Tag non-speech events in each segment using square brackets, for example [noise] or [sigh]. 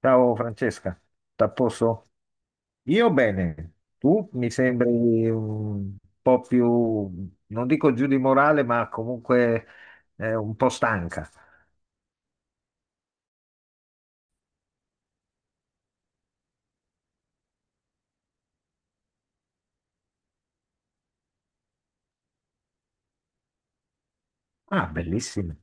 Ciao Francesca, t'apposto? Io bene, tu mi sembri un po' più, non dico giù di morale, ma comunque un po' stanca. Ah, bellissimo.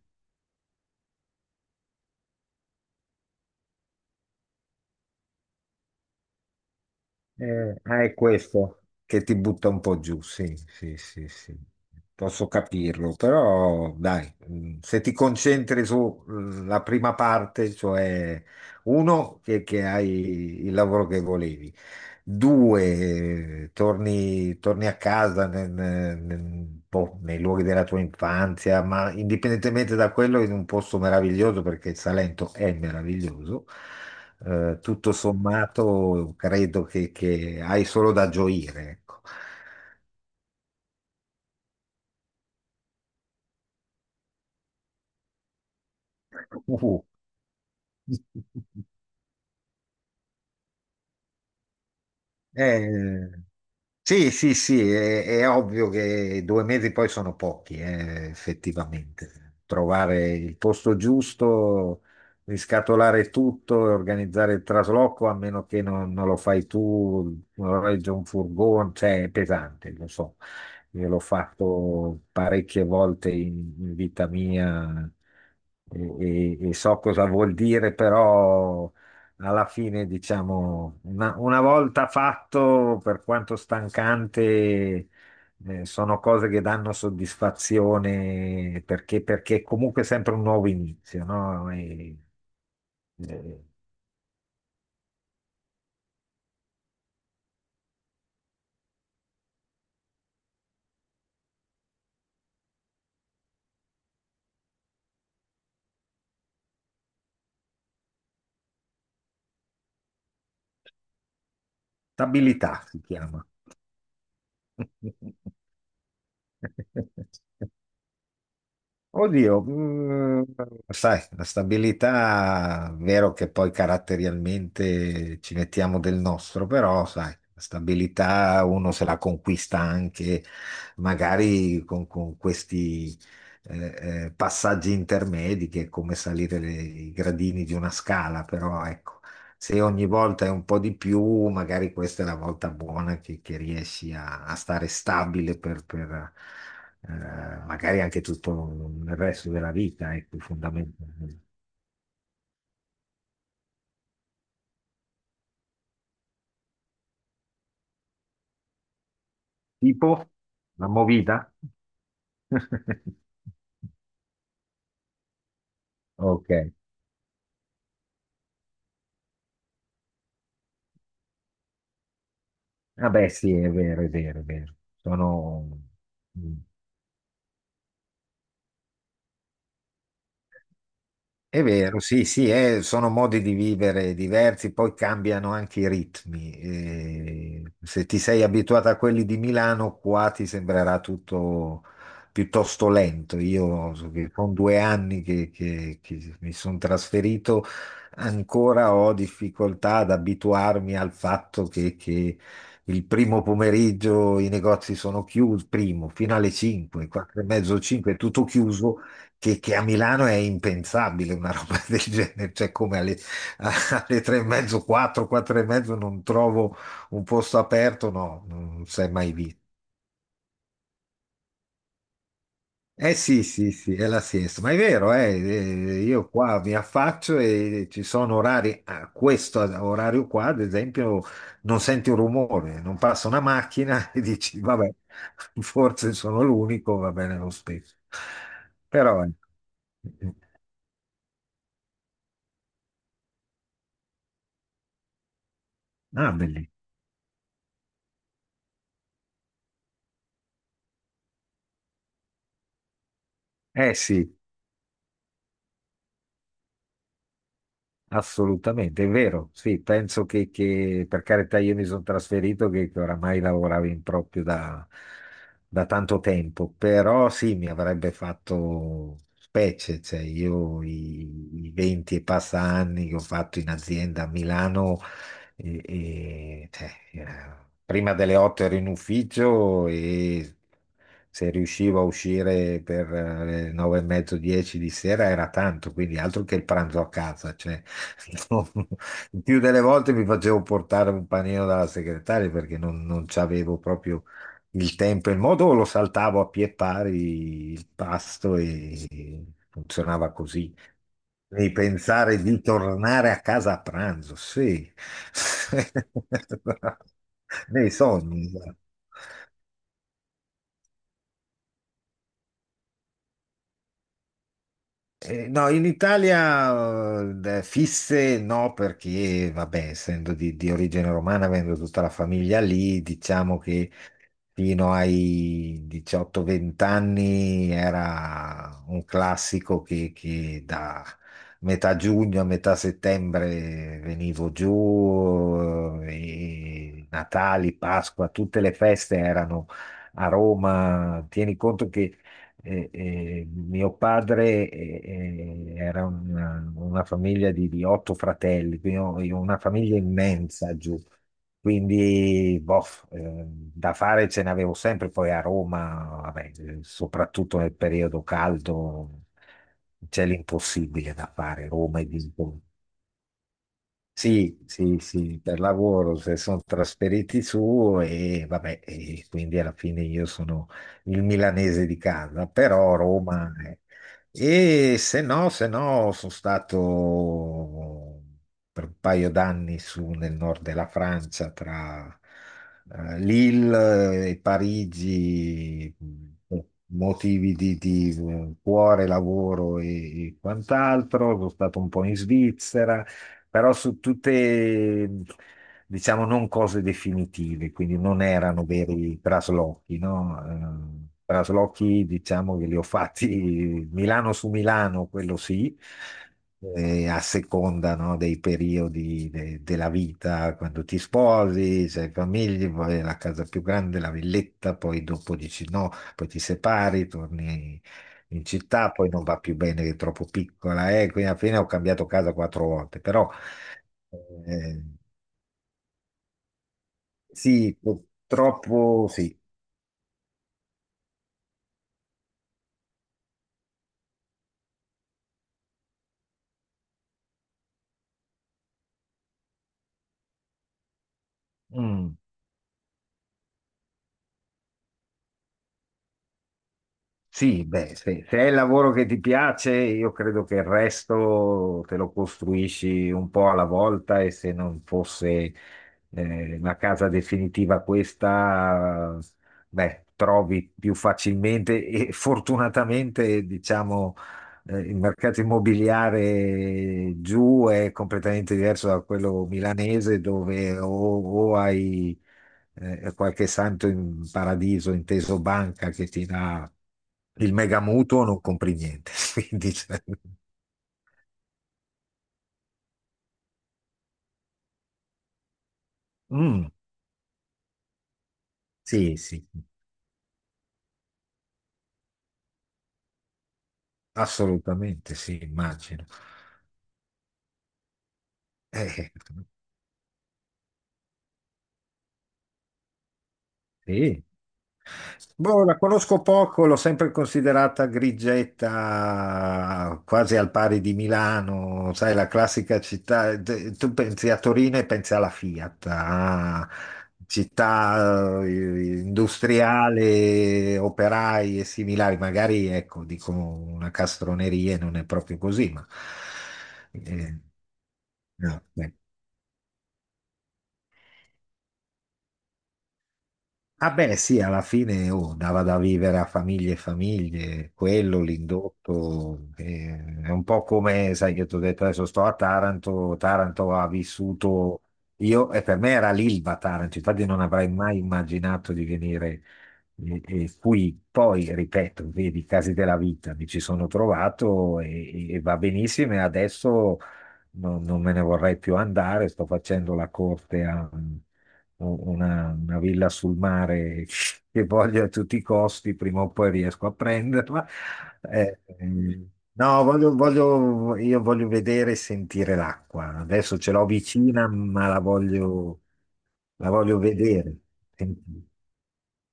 È questo che ti butta un po' giù, sì, sì, sì, sì. Posso capirlo, però dai, se ti concentri sulla prima parte, cioè uno, che hai il lavoro che volevi, due, torni a casa nei luoghi della tua infanzia, ma indipendentemente da quello, in un posto meraviglioso, perché il Salento è meraviglioso. Tutto sommato, che hai solo da gioire, ecco. [laughs] Uh. [laughs] Eh, Sì, sì, sì, è ovvio che 2 mesi poi sono pochi, effettivamente. Trovare il posto giusto, riscatolare tutto e organizzare il trasloco, a meno che non lo fai tu, non regge un furgone, cioè è pesante, lo so. Io l'ho fatto parecchie volte in vita mia e, e so cosa vuol dire, però alla fine, diciamo, una volta fatto, per quanto stancante, sono cose che danno soddisfazione perché comunque è sempre un nuovo inizio, no? E- Stabilità si chiama. [laughs] Oddio, sai, la stabilità, vero che poi caratterialmente ci mettiamo del nostro, però sai, la stabilità uno se la conquista anche magari con questi passaggi intermedi che è come salire i gradini di una scala, però ecco, se ogni volta è un po' di più, magari questa è la volta buona che riesci a stare stabile per- eh, magari anche tutto il resto della vita, ecco, fondamentalmente. Tipo la movida? [laughs] Ok, vabbè, sì, è vero, è vero, è vero. Sono... mm. È vero, sì, sì, sono modi di vivere diversi, poi cambiano anche i ritmi. Se ti sei abituato a quelli di Milano, qua ti sembrerà tutto piuttosto lento. Io so che con 2 anni che mi sono trasferito, ancora ho difficoltà ad abituarmi al fatto che il primo pomeriggio i negozi sono chiusi, primo, fino alle 5, 4 e mezzo, 5, è tutto chiuso che a Milano è impensabile una roba [laughs] del genere, cioè come alle 3 e mezzo, 4, 4 e mezzo non trovo un posto aperto, no, non sei mai visto. Eh sì, sì, sì, è la siesta, ma è vero, io qua mi affaccio e ci sono orari, a questo orario qua, ad esempio, non senti un rumore, non passa una macchina [laughs] e dici, vabbè, forse sono l'unico, va bene lo stesso. Però, ecco. Ah, bellissimo. Eh sì. Assolutamente, è vero, sì, che, per carità, io mi sono trasferito che oramai lavoravo in proprio da tanto tempo, però sì, mi avrebbe fatto specie, cioè io i 20 e passa anni che ho fatto in azienda a Milano, e- e, cioè, eh, prima delle 8 ero in ufficio e se riuscivo a uscire per le 9 e mezzo, 10 di sera era tanto, quindi altro che il pranzo a casa, cioè [laughs] no, il più delle volte mi facevo portare un panino dalla segretaria perché non c'avevo proprio il tempo e il modo, o lo saltavo a pie pari il pasto e funzionava così. Devi pensare di tornare a casa a pranzo, sì. [laughs] Nei sogni. No, in Italia fisse no, perché vabbè, essendo di origine romana, avendo tutta la famiglia lì, diciamo che fino ai 18-20 anni era un classico che da metà giugno a metà settembre venivo giù, e Natali, Pasqua, tutte le feste erano a Roma. Tieni conto che e mio padre era una famiglia di 8 fratelli, una famiglia immensa giù. Quindi, boh, da fare ce n'avevo sempre. Poi a Roma, vabbè, soprattutto nel periodo caldo, c'è l'impossibile da fare. Roma e dintorni. Sì, sì, sì, per lavoro se sono trasferiti su e vabbè, e quindi alla fine io sono il milanese di casa, però e se no, sono stato per un paio d'anni su nel nord della Francia, tra Lille e Parigi, per motivi di cuore, lavoro e quant'altro, sono stato un po' in Svizzera però su tutte, diciamo, non cose definitive, quindi non erano veri traslochi, no? Traslochi, diciamo, che li ho fatti Milano su Milano, quello sì, a seconda, no, dei periodi della vita, quando ti sposi, sei famiglia, poi la casa più grande, la villetta, poi dopo dici no, poi ti separi, torni in città, poi non va più bene, che è troppo piccola, quindi alla fine ho cambiato casa 4 volte, però eh, sì, purtroppo sì. Mm, sì, beh, se è il lavoro che ti piace, io credo che il resto te lo costruisci un po' alla volta e se non fosse eh, una casa definitiva questa, beh, trovi più facilmente [laughs] e fortunatamente, diciamo, il mercato immobiliare giù è completamente diverso da quello milanese dove o hai qualche santo in paradiso, inteso banca, che ti dà il mega mutuo, non compri niente. [laughs] Quindi, cioè, mm, sì, sì, assolutamente sì, immagino. Eh, Sì. Boh, la conosco poco, l'ho sempre considerata grigetta, quasi al pari di Milano, sai, la classica città. Tu pensi a Torino e pensi alla Fiat, a città industriale, operai e similari. Magari, ecco, dico una castroneria, non è proprio così, ma eh, no, ecco. Ah beh, sì, alla fine oh, dava da vivere a famiglie e famiglie, quello, l'indotto, è un po' come, sai che ti ho detto adesso sto a Taranto, Taranto ha vissuto, io, e per me era l'Ilva Taranto, infatti non avrei mai immaginato di venire qui, poi, ripeto, vedi, i casi della vita, mi ci sono trovato e va benissimo e adesso non me ne vorrei più andare, sto facendo la corte a una villa sul mare [laughs] che voglio a tutti i costi, prima o poi riesco a prenderla. No, io voglio vedere e sentire l'acqua. Adesso ce l'ho vicina, ma la voglio vedere. Sentire.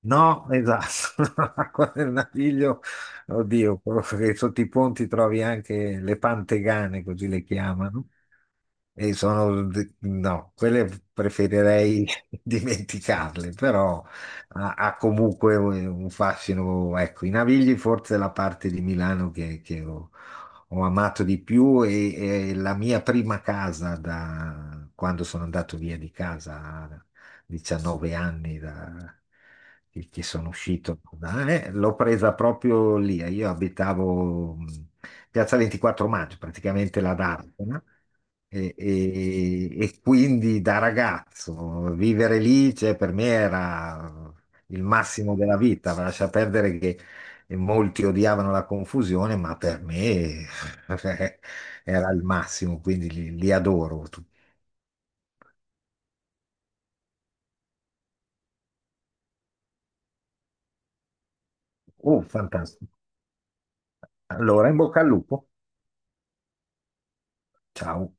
No, esatto, [laughs] l'acqua del Naviglio. Oddio, quello che sotto i ponti trovi anche le pantegane, così le chiamano. E sono, de- no, quelle preferirei [laughs] dimenticarle, però ha comunque un fascino. Ecco, i Navigli forse è la parte di Milano che ho amato di più e, è la mia prima casa da quando sono andato via di casa 19 anni che sono uscito, l'ho presa proprio lì. Eh, io abitavo Piazza 24 Maggio, praticamente la D'Arpena, e, e quindi da ragazzo vivere lì, cioè, per me era il massimo della vita. Lascia perdere che molti odiavano la confusione, ma per me [laughs] era il massimo, quindi li, li adoro tutti. Oh, fantastico. Allora, in bocca al lupo. Ciao.